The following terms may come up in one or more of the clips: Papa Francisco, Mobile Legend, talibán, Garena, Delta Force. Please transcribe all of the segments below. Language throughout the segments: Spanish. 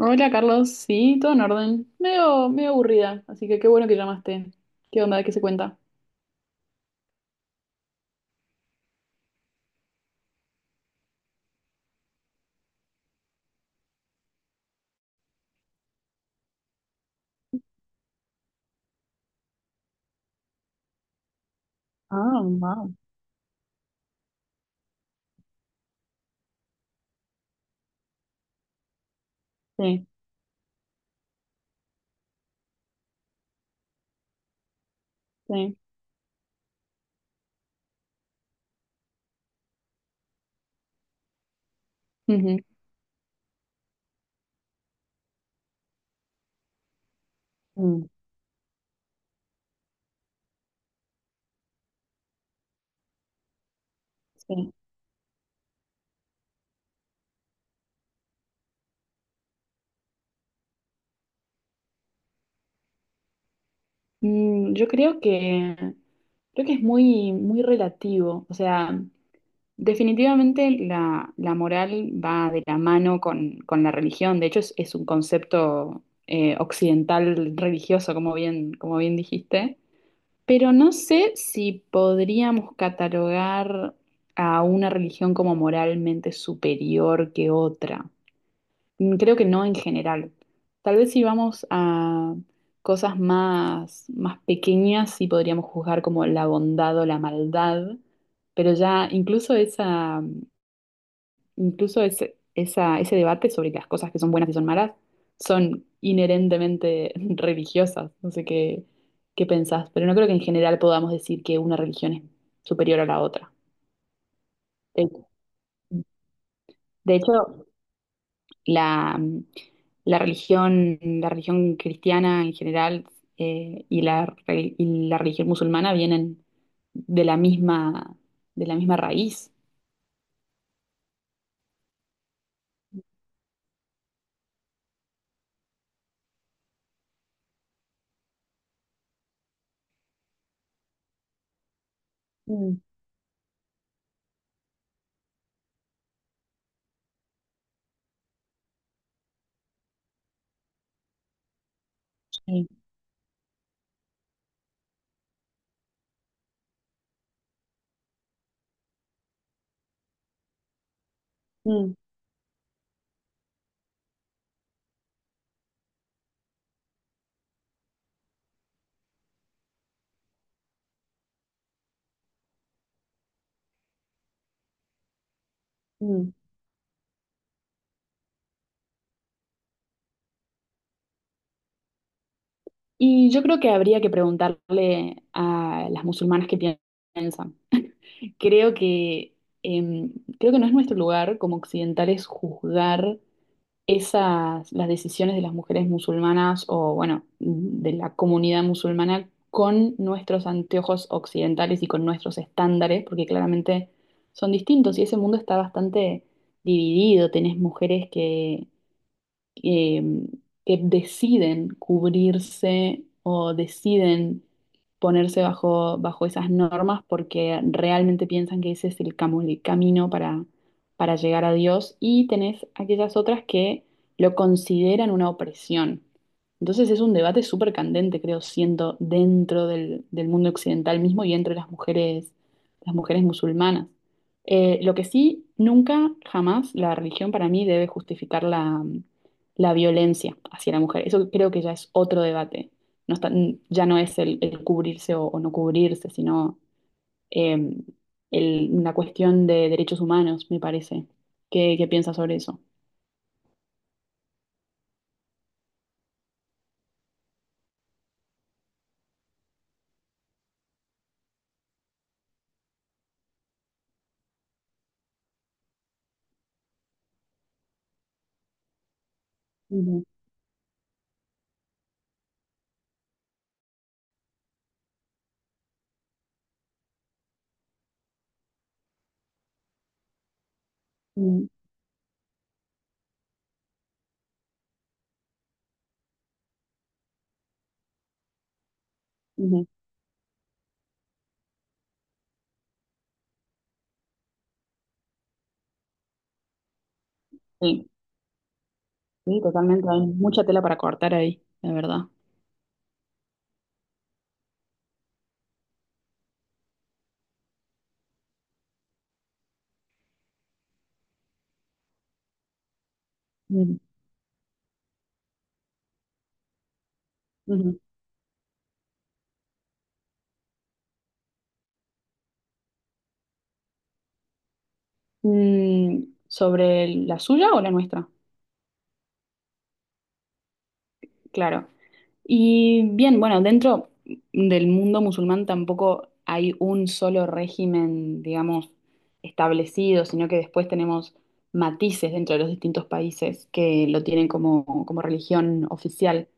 Hola Carlos, sí, todo en orden. Medio, medio aburrida, así que qué bueno que llamaste. ¿Qué onda? ¿Qué se cuenta? Ah, wow. Sí, sí. Ujú. Mm. Sí. Yo creo que es muy, muy relativo. O sea, definitivamente la moral va de la mano con la religión. De hecho, es un concepto occidental religioso, como bien dijiste. Pero no sé si podríamos catalogar a una religión como moralmente superior que otra. Creo que no en general. Tal vez si vamos a cosas más, más pequeñas, sí podríamos juzgar como la bondad o la maldad, pero ya incluso esa, Incluso ese, esa- ese debate sobre las cosas que son buenas y son malas son inherentemente religiosas. No sé qué pensás, pero no creo que en general podamos decir que una religión es superior a la otra. De, de hecho, la, mm, la religión cristiana en general, y y la religión musulmana vienen de la misma, de la misma raíz. Mm, sí. Mm, mm. Y yo creo que habría que preguntarle a las musulmanas qué piensan. Creo que, em, creo que no es nuestro lugar como occidentales juzgar las decisiones de las mujeres musulmanas o, bueno, de la comunidad musulmana con nuestros anteojos occidentales y con nuestros estándares, porque claramente son distintos y ese mundo está bastante dividido. Tenés mujeres eh, que deciden cubrirse o deciden ponerse bajo esas normas porque realmente piensan que ese es el camino para llegar a Dios y tenés aquellas otras que lo consideran una opresión. Entonces es un debate súper candente, creo, siendo dentro del mundo occidental mismo y entre las mujeres musulmanas. Lo que sí, nunca, jamás la religión para mí debe justificar la violencia hacia la mujer. Eso creo que ya es otro debate. No está- ya no es el cubrirse o, no cubrirse, sino eh, una cuestión de derechos humanos, me parece. ¿Qué piensas sobre eso? Ujú, ujú, ujú. Sí, sí, totalmente. Hay mucha tela para cortar ahí, la verdad. Ujú, ujú. ¿Sobre la suya o la nuestra? Claro. Y bien, bueno, dentro del mundo musulmán tampoco hay un solo régimen, digamos, establecido, sino que después tenemos matices dentro de los distintos países que lo tienen como religión oficial.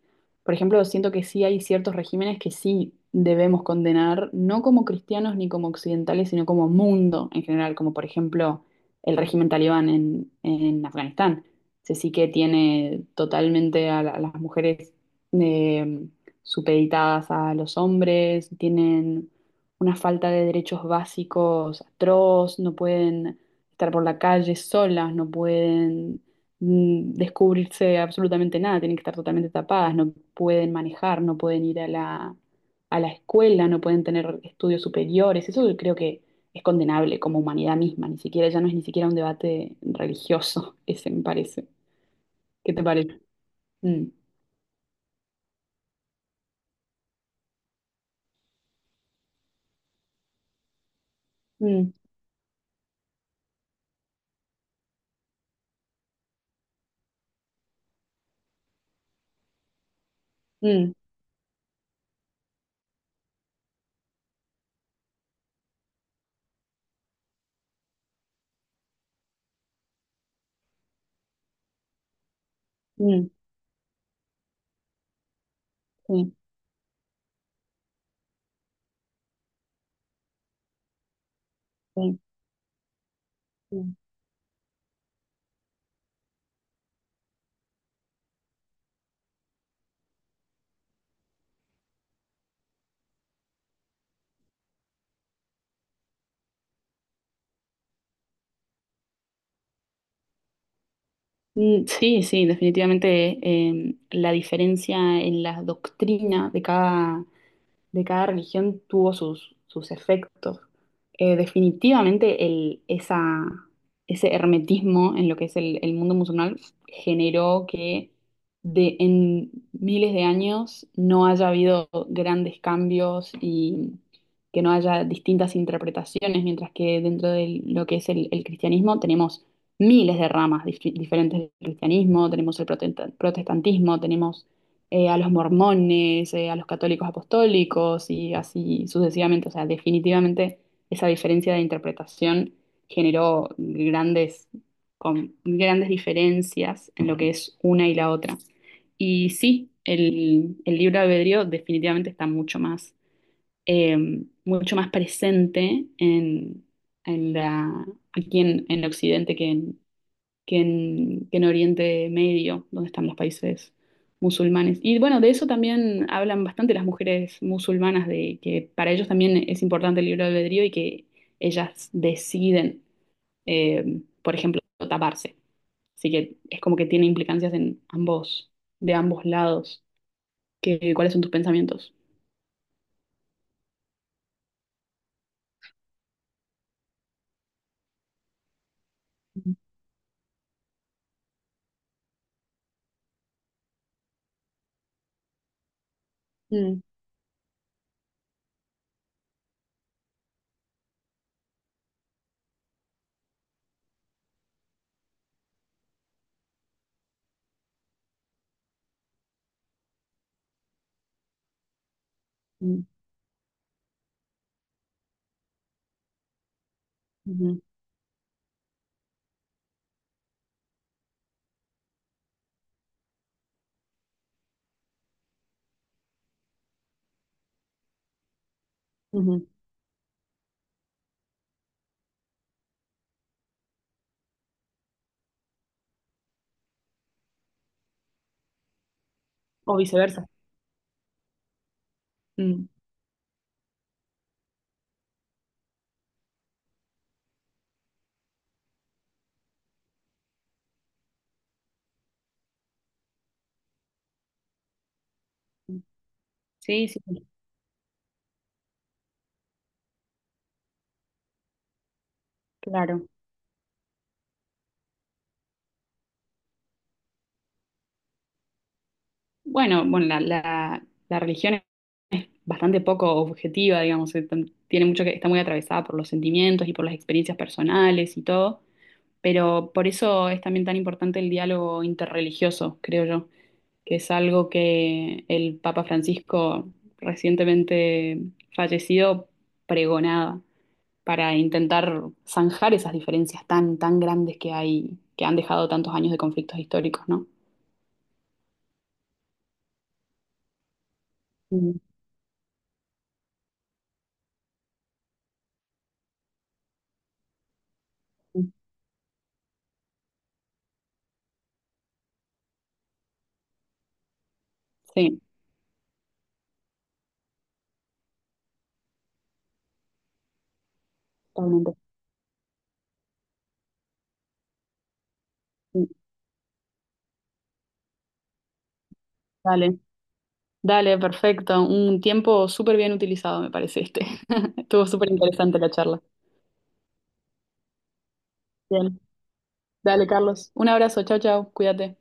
Por ejemplo, siento que sí hay ciertos regímenes que sí debemos condenar, no como cristianos ni como occidentales, sino como mundo en general, como por ejemplo el régimen talibán en Afganistán. Ese sí que tiene totalmente a las mujeres eh, supeditadas a los hombres, tienen una falta de derechos básicos atroz, no pueden estar por la calle solas, no pueden descubrirse absolutamente nada, tienen que estar totalmente tapadas, no pueden manejar, no pueden ir a la escuela, no pueden tener estudios superiores. Eso creo que es condenable como humanidad misma, ni siquiera ya no es ni siquiera un debate religioso, ese me parece. ¿Qué te parece? Mm, mm, mm, mm. Sí, sí, sí. Sí, sí, definitivamente la diferencia en la doctrina de cada religión tuvo sus efectos. Definitivamente ese hermetismo en lo que es el mundo musulmán generó que en miles de años no haya habido grandes cambios y que no haya distintas interpretaciones, mientras que dentro de lo que es el cristianismo tenemos miles de ramas diferentes del cristianismo, tenemos el protestantismo, tenemos a los mormones, a los católicos apostólicos y así sucesivamente. O sea, definitivamente esa diferencia de interpretación generó grandes diferencias en lo que es una y la otra. Y sí, el libre albedrío definitivamente está eh, mucho más presente en la, aquí en Occidente que en Oriente Medio, donde están los países musulmanes. Y bueno, de eso también hablan bastante las mujeres musulmanas, de que para ellos también es importante el libre albedrío y que ellas deciden, por ejemplo, taparse. Así que es como que tiene implicancias en ambos, de ambos lados. ¿Cuáles son tus pensamientos? Mm, mm, ujú, ujú. O viceversa. Mm. Mm. Sí, sí, claro. Bueno, bueno, la religión bastante poco objetiva, digamos, tiene mucho está muy atravesada por los sentimientos y por las experiencias personales y todo, pero por eso es también tan importante el diálogo interreligioso, creo yo, que es algo que el Papa Francisco recientemente fallecido pregonaba para intentar zanjar esas diferencias tan, tan grandes que hay, que han dejado tantos años de conflictos históricos, ¿no? Mm, Sí, totalmente. Sí, dale. Dale, perfecto. Un tiempo súper bien utilizado, me parece este. Estuvo súper interesante la charla. Bien. Dale, Carlos. Un abrazo. Chao, chao. Cuídate.